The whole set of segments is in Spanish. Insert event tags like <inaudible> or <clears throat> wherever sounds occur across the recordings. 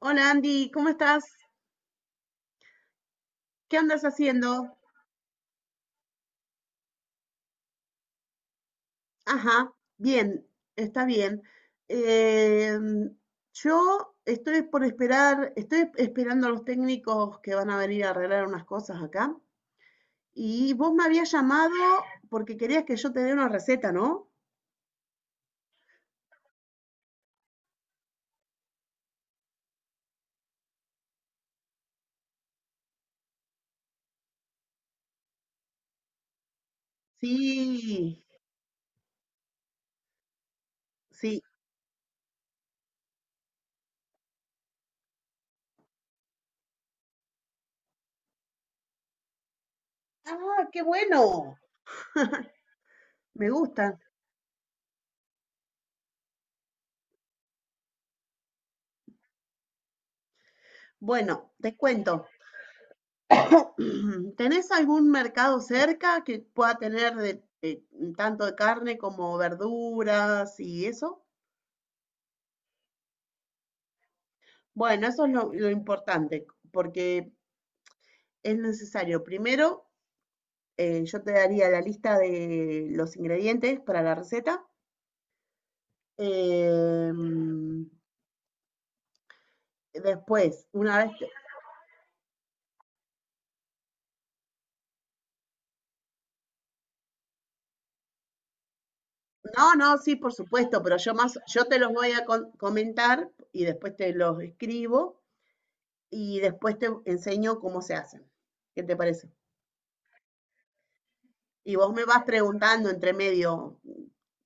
Hola Andy, ¿cómo estás? ¿Qué andas haciendo? Ajá, bien, está bien. Em, yo estoy esperando a los técnicos que van a venir a arreglar unas cosas acá. Y vos me habías llamado porque querías que yo te dé una receta, ¿no? Sí, sí. Ah, qué bueno. Me gustan. Bueno, te cuento. <coughs> ¿Tenés algún mercado cerca que pueda tener tanto de carne como verduras y eso? Bueno, eso es lo importante, porque es necesario. Primero, yo te daría la lista de los ingredientes para la receta. em, Después, no, no, sí, por supuesto, pero yo te los voy a comentar y después te los escribo y después te enseño cómo se hacen. ¿Qué te parece? Y vos me vas preguntando entre medio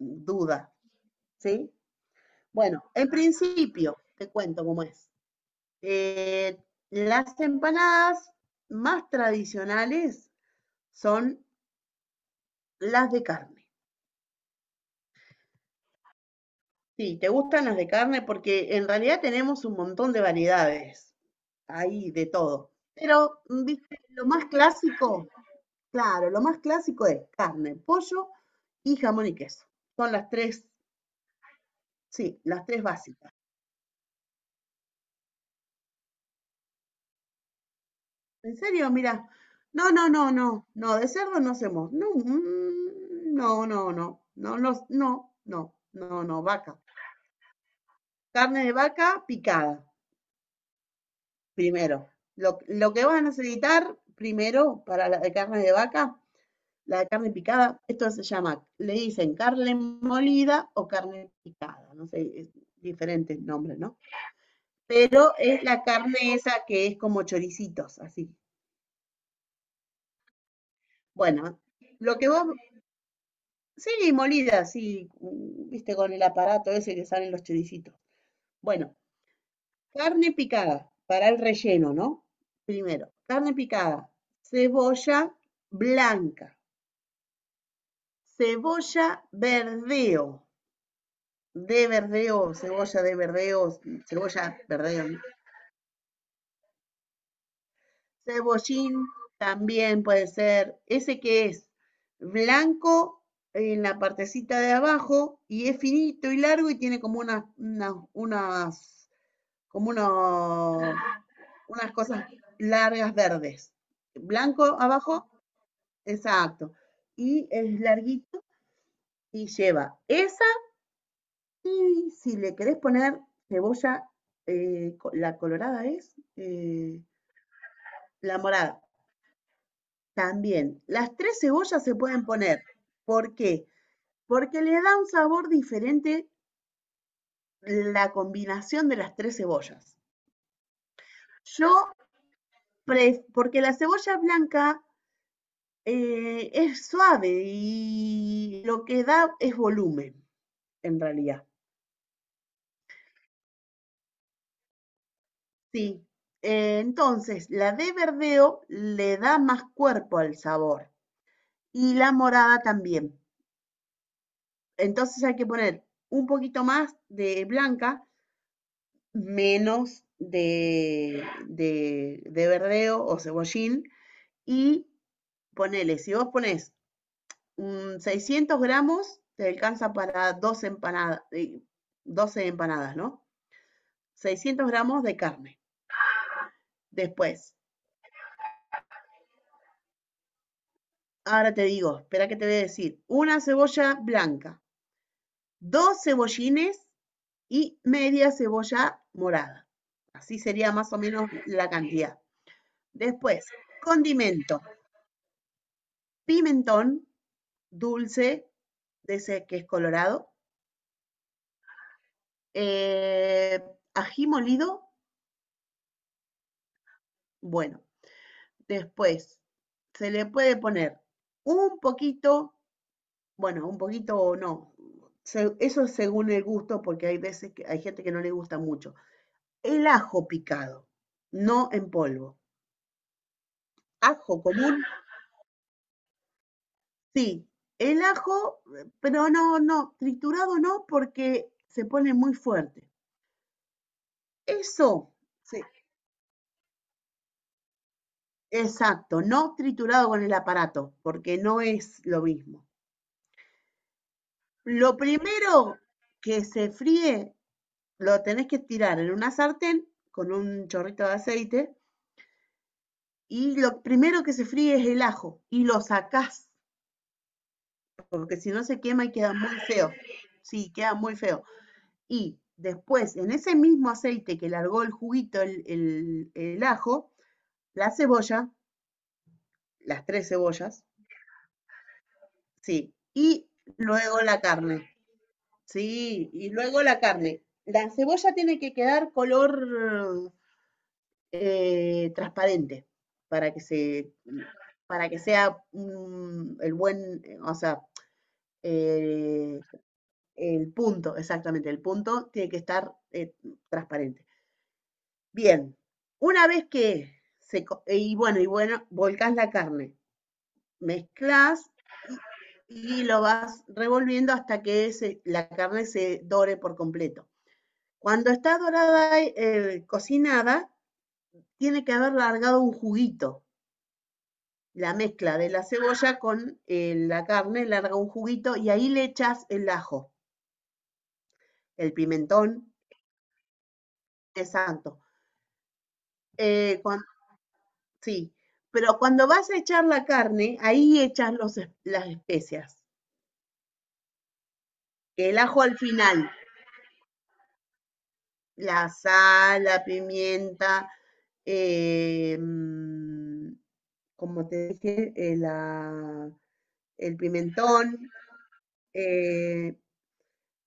duda, ¿sí? Bueno, en principio, te cuento cómo es. Eh, las empanadas más tradicionales son las de carne. Sí, te gustan las de carne porque en realidad tenemos un montón de variedades ahí de todo. Pero, mm, viste, claro, lo más clásico es carne, pollo y jamón y queso. Son las tres, sí, las tres básicas. ¿En serio? Mira. No, no, no, no. No, de cerdo no hacemos. No, mm, no, no, no. No, no, no, no, no, no, vaca. Carne de vaca picada, primero. Lo que van a necesitar primero para la de carne de vaca, la de carne picada, esto se llama, le dicen carne molida o carne picada, no sé, es diferentes nombres, ¿no? Esto es la carne esa que es como choricitos, así. Bueno, lo que vos Sí, molida, sí, mm, viste, con el aparato ese que salen los choricitos. Bueno, carne picada para el relleno, ¿no? Primero, carne picada, cebolla blanca, cebolla verdeo, de verdeo, cebolla verdeo, ¿no? Cebollín también puede ser, ese que es blanco en la partecita de abajo y es finito y largo y tiene como unas cosas largas verdes. Blanco abajo, exacto. Y es larguito y lleva esa. Y si le querés poner cebolla, la colorada es, la morada también. Las tres cebollas se pueden poner. ¿Por qué? Porque le da un sabor diferente la combinación de las tres cebollas. Yo, porque la cebolla blanca, es suave y lo que da es volumen, en realidad. Sí. Entonces, la de verdeo le da más cuerpo al sabor y la morada también. Entonces hay que poner un poquito más de blanca, menos de, verdeo o cebollín, y ponele, si vos pones mm, 600 gramos, te alcanza para 12 empanadas, ¿no? 600 gramos de carne. Después, ahora te digo, espera que te voy a decir, una cebolla blanca, dos cebollines y media cebolla morada. Así sería más o menos la cantidad. Después, condimento, pimentón dulce, de ese que es colorado, eh, ají molido, bueno, después se le puede poner un poquito bueno, un poquito o no. Eso es según el gusto, porque hay veces que hay gente que no le gusta mucho. El ajo picado, no en polvo. Ajo común, sí. El ajo, pero no, no, triturado no, porque se pone muy fuerte. Eso, sí, exacto, no triturado con el aparato, porque no es lo mismo. Lo primero que se fríe, lo tenés que tirar en una sartén con un chorrito de aceite, y lo primero que se fríe es el ajo, y lo sacás, porque si no se quema y queda muy feo. Sí, queda muy feo. Y después, en ese mismo aceite que largó el juguito, el ajo, la cebolla, las tres cebollas, sí, y luego la carne, sí, y luego la carne. La cebolla tiene que quedar color transparente, para que se, para que sea mm, el buen, o sea, Eh, el punto, exactamente, el punto tiene que estar transparente. Bien, una vez que se, y bueno, volcás la carne, mezclas y lo vas revolviendo hasta que la carne se dore por completo. Cuando está dorada, cocinada, tiene que haber largado un juguito. La mezcla de la cebolla con la carne larga un juguito, y ahí le echas el ajo, el pimentón, es santo. Eh, Sí, pero cuando vas a echar la carne, ahí echas las especias. El ajo al final, la sal, la pimienta, eh, mm, como te dije, el pimentón. eh,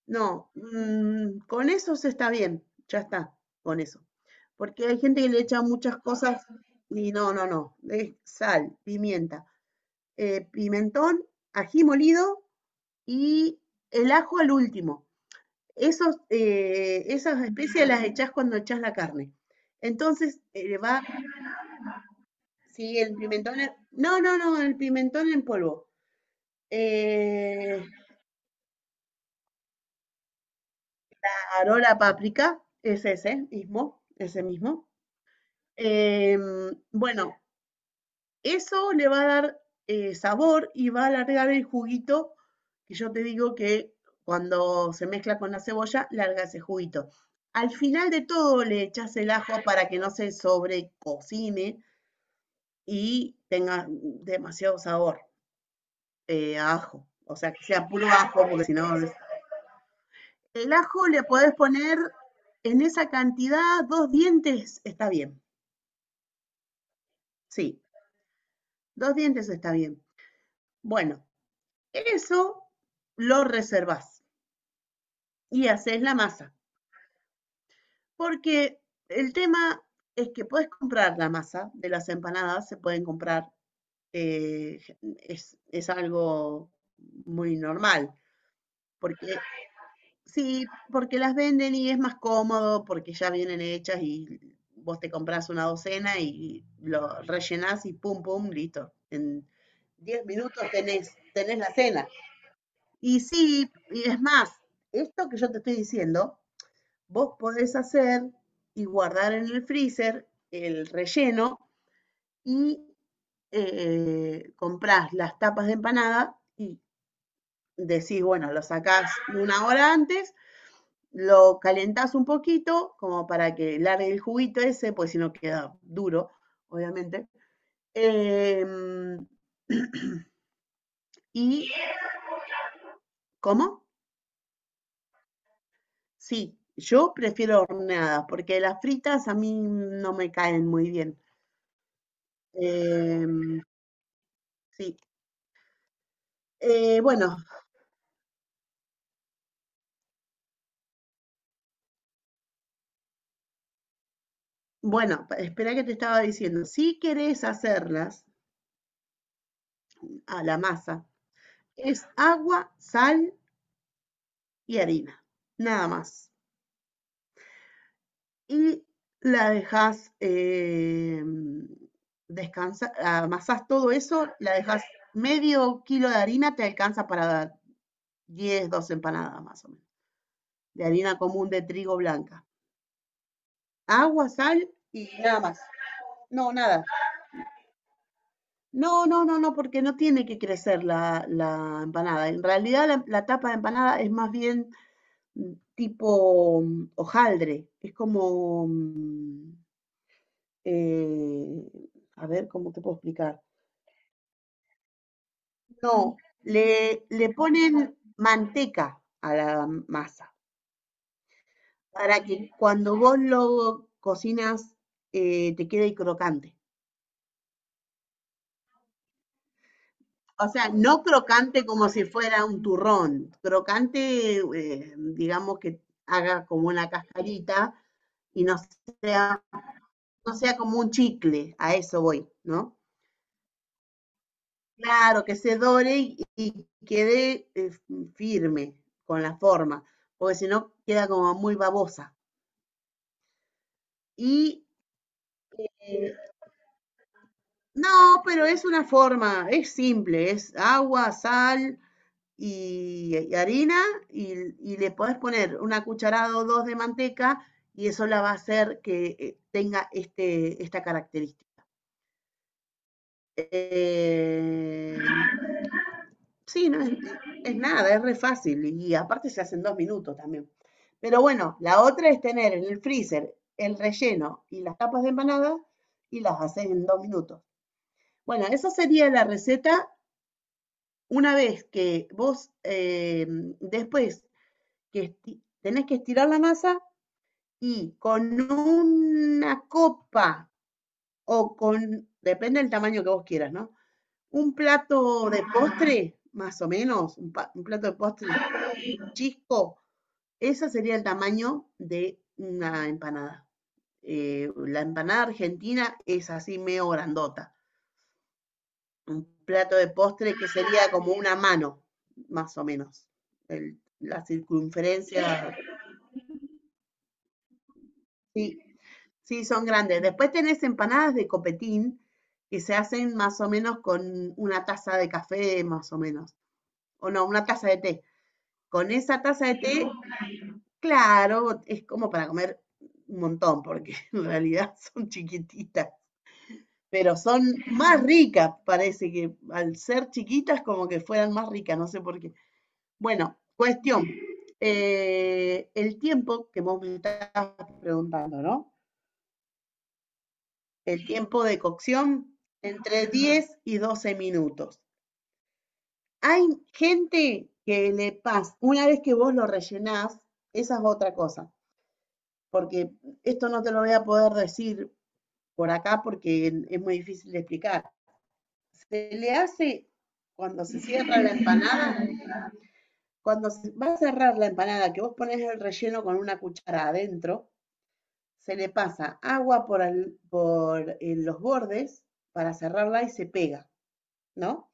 no, mm, con eso se está bien, ya está, con eso. Porque hay gente que le echa muchas cosas y no, no, no, es sal, pimienta, pimentón, ají molido y el ajo al último. Esas especias las echás cuando echás la carne. Entonces, sí, el pimentón, no, no, no, el pimentón en polvo. Eh, Ahora la páprica, es ese mismo, ese mismo. Em, bueno, eso le va a dar sabor y va a alargar el juguito que yo te digo que cuando se mezcla con la cebolla, larga ese juguito. Al final de todo le echas el ajo para que no se sobrecocine y tenga demasiado sabor a ajo. O sea, que sea puro ajo, porque si no... El ajo le podés poner en esa cantidad, dos dientes está bien. Sí, dos dientes está bien. Bueno, eso lo reservas y haces la masa. Porque el tema es que puedes comprar la masa de las empanadas, se pueden comprar, eh, es algo muy normal. Porque sí, porque las venden y es más cómodo, porque ya vienen hechas y vos te compras una docena y lo rellenás y pum, pum, listo. En 10 minutos tenés la cena. Y sí, y es más, esto que yo te estoy diciendo vos podés hacer y guardar en el freezer el relleno, y comprás las tapas de empanada y decís, bueno, lo sacás una hora antes, lo calentás un poquito como para que largue el juguito ese, pues si no queda duro, obviamente. Eh, <clears throat> y, ¿cómo? Sí, yo prefiero horneadas porque las fritas a mí no me caen muy bien. Eh, sí. Eh, bueno, bueno, espera que te estaba diciendo. Si querés hacerlas, a la masa, es agua, sal y harina, nada más. Y la dejas descansar, amasás todo eso, la dejas medio kilo de harina, te alcanza para 10, 12 empanadas más o menos, de harina común de trigo blanca. Agua, sal y nada más. No, nada. No, no, no, no, porque no tiene que crecer la empanada. En realidad la tapa de empanada es más bien tipo hojaldre. Es como, eh, a ver, ¿cómo te puedo explicar? No, le ponen manteca a la masa para que cuando vos lo cocinas te quede crocante. O sea, no crocante como si fuera un turrón, crocante, digamos que haga como una cascarita, y no, no sea como un chicle, a eso voy, ¿no? Claro, que se dore y quede firme con la forma, porque si no queda como muy babosa. Y eh, no, pero es una forma, es simple, es agua, sal, y harina, y, y le podés poner una cucharada o dos de manteca, y eso la va a hacer que tenga esta característica. Eh, sí, no es nada, es re fácil y aparte se hace en 2 minutos también. Pero bueno, la otra es tener en el freezer el relleno y las tapas de empanada y las haces en 2 minutos. Bueno, esa sería la receta. Una vez que vos Después que tenés que estirar la masa, y con una copa o con, depende del tamaño que vos quieras, ¿no? Un plato de postre, más o menos, un plato de postre chico, ese sería el tamaño de una empanada. La empanada argentina es así medio grandota. Un plato de postre que sería como una mano, más o menos. La circunferencia, sí. Sí, son grandes. Después tenés empanadas de copetín que se hacen más o menos con una taza de café, más o menos. O no, una taza de té. Con esa taza de té, claro, es como para comer un montón, porque <laughs> en realidad son chiquititas. Pero son más ricas, parece que al ser chiquitas como que fueran más ricas, no sé por qué. Bueno, cuestión, el tiempo que vos me estás preguntando, ¿no? El tiempo de cocción entre 10 y 12 minutos. Hay gente que le pasa, una vez que vos lo rellenás, esa es otra cosa, porque esto no te lo voy a poder decir por acá porque es muy difícil de explicar. Se le hace cuando se cierra la empanada, cuando se va a cerrar la empanada, que vos pones el relleno con una cuchara adentro, se le pasa agua los bordes para cerrarla y se pega, ¿no?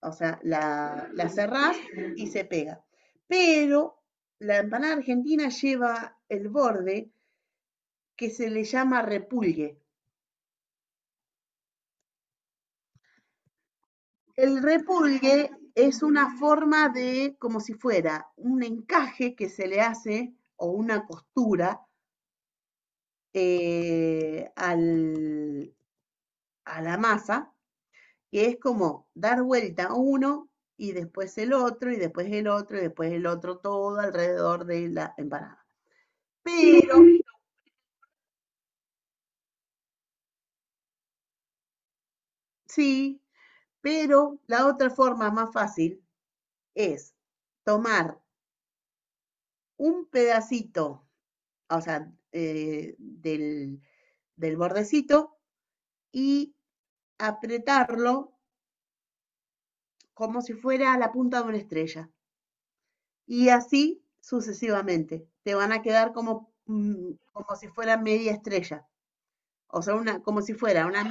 O sea, la cerrás y se pega. Pero la empanada argentina lleva el borde que se le llama repulgue. El repulgue es una forma de, como si fuera un encaje que se le hace, o una costura eh, al, a la masa, que es como dar vuelta uno y después el otro y después el otro y después el otro, todo alrededor de la empanada. Pero Sí, pero la otra forma más fácil es tomar un pedacito, o sea, del bordecito, y apretarlo como si fuera la punta de una estrella. Y así sucesivamente. Te van a quedar como, como si fuera media estrella. O sea, una, como si fuera una,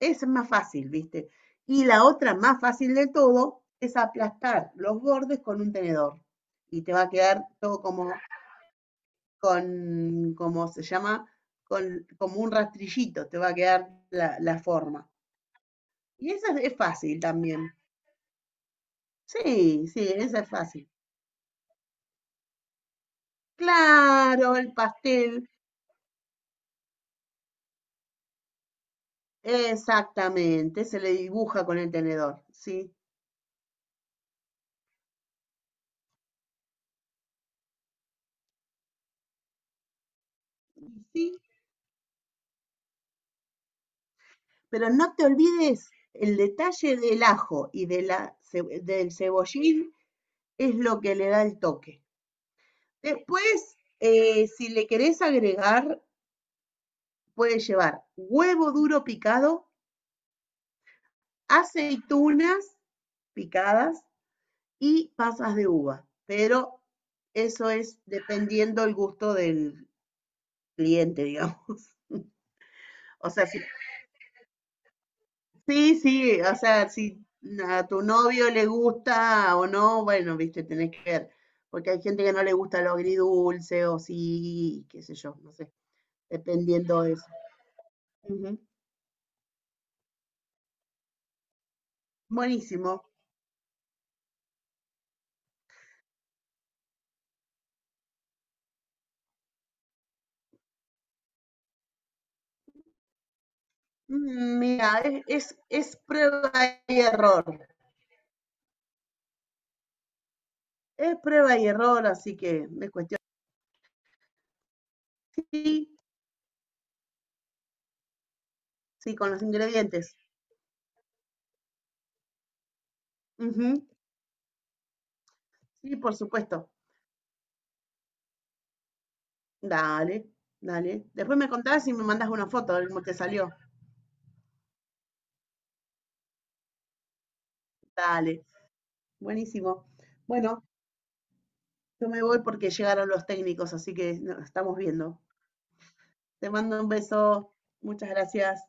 Es más fácil, ¿viste? Y la otra más fácil de todo es aplastar los bordes con un tenedor. Y te va a quedar todo como, como se llama, como un rastrillito, te va a quedar la forma. Y esa es fácil también. Sí, sí, esa es fácil. Claro, el pastel, exactamente, se le dibuja con el tenedor, sí, sí. Pero no te olvides el detalle del ajo y del cebollín, es lo que le da el toque. Después, si le querés agregar, puedes llevar huevo duro picado, aceitunas picadas y pasas de uva, pero eso es dependiendo el gusto del cliente, digamos. <laughs> O sea, sí, sí, o sea, si a tu novio le gusta o no, bueno, viste, tenés que ver, porque hay gente que no le gusta lo agridulce, o sí, qué sé yo, no sé, dependiendo de eso. Ujú. Buenísimo. Mira, es prueba y error. Es prueba y error, así que me cuestión. Sí, sí, con los ingredientes. Ujú. Sí, por supuesto. Dale, dale. Después me contás y me mandás una foto de cómo te salió. Dale, buenísimo. Bueno, yo me voy porque llegaron los técnicos, así que nos estamos viendo. Te mando un beso. Muchas gracias.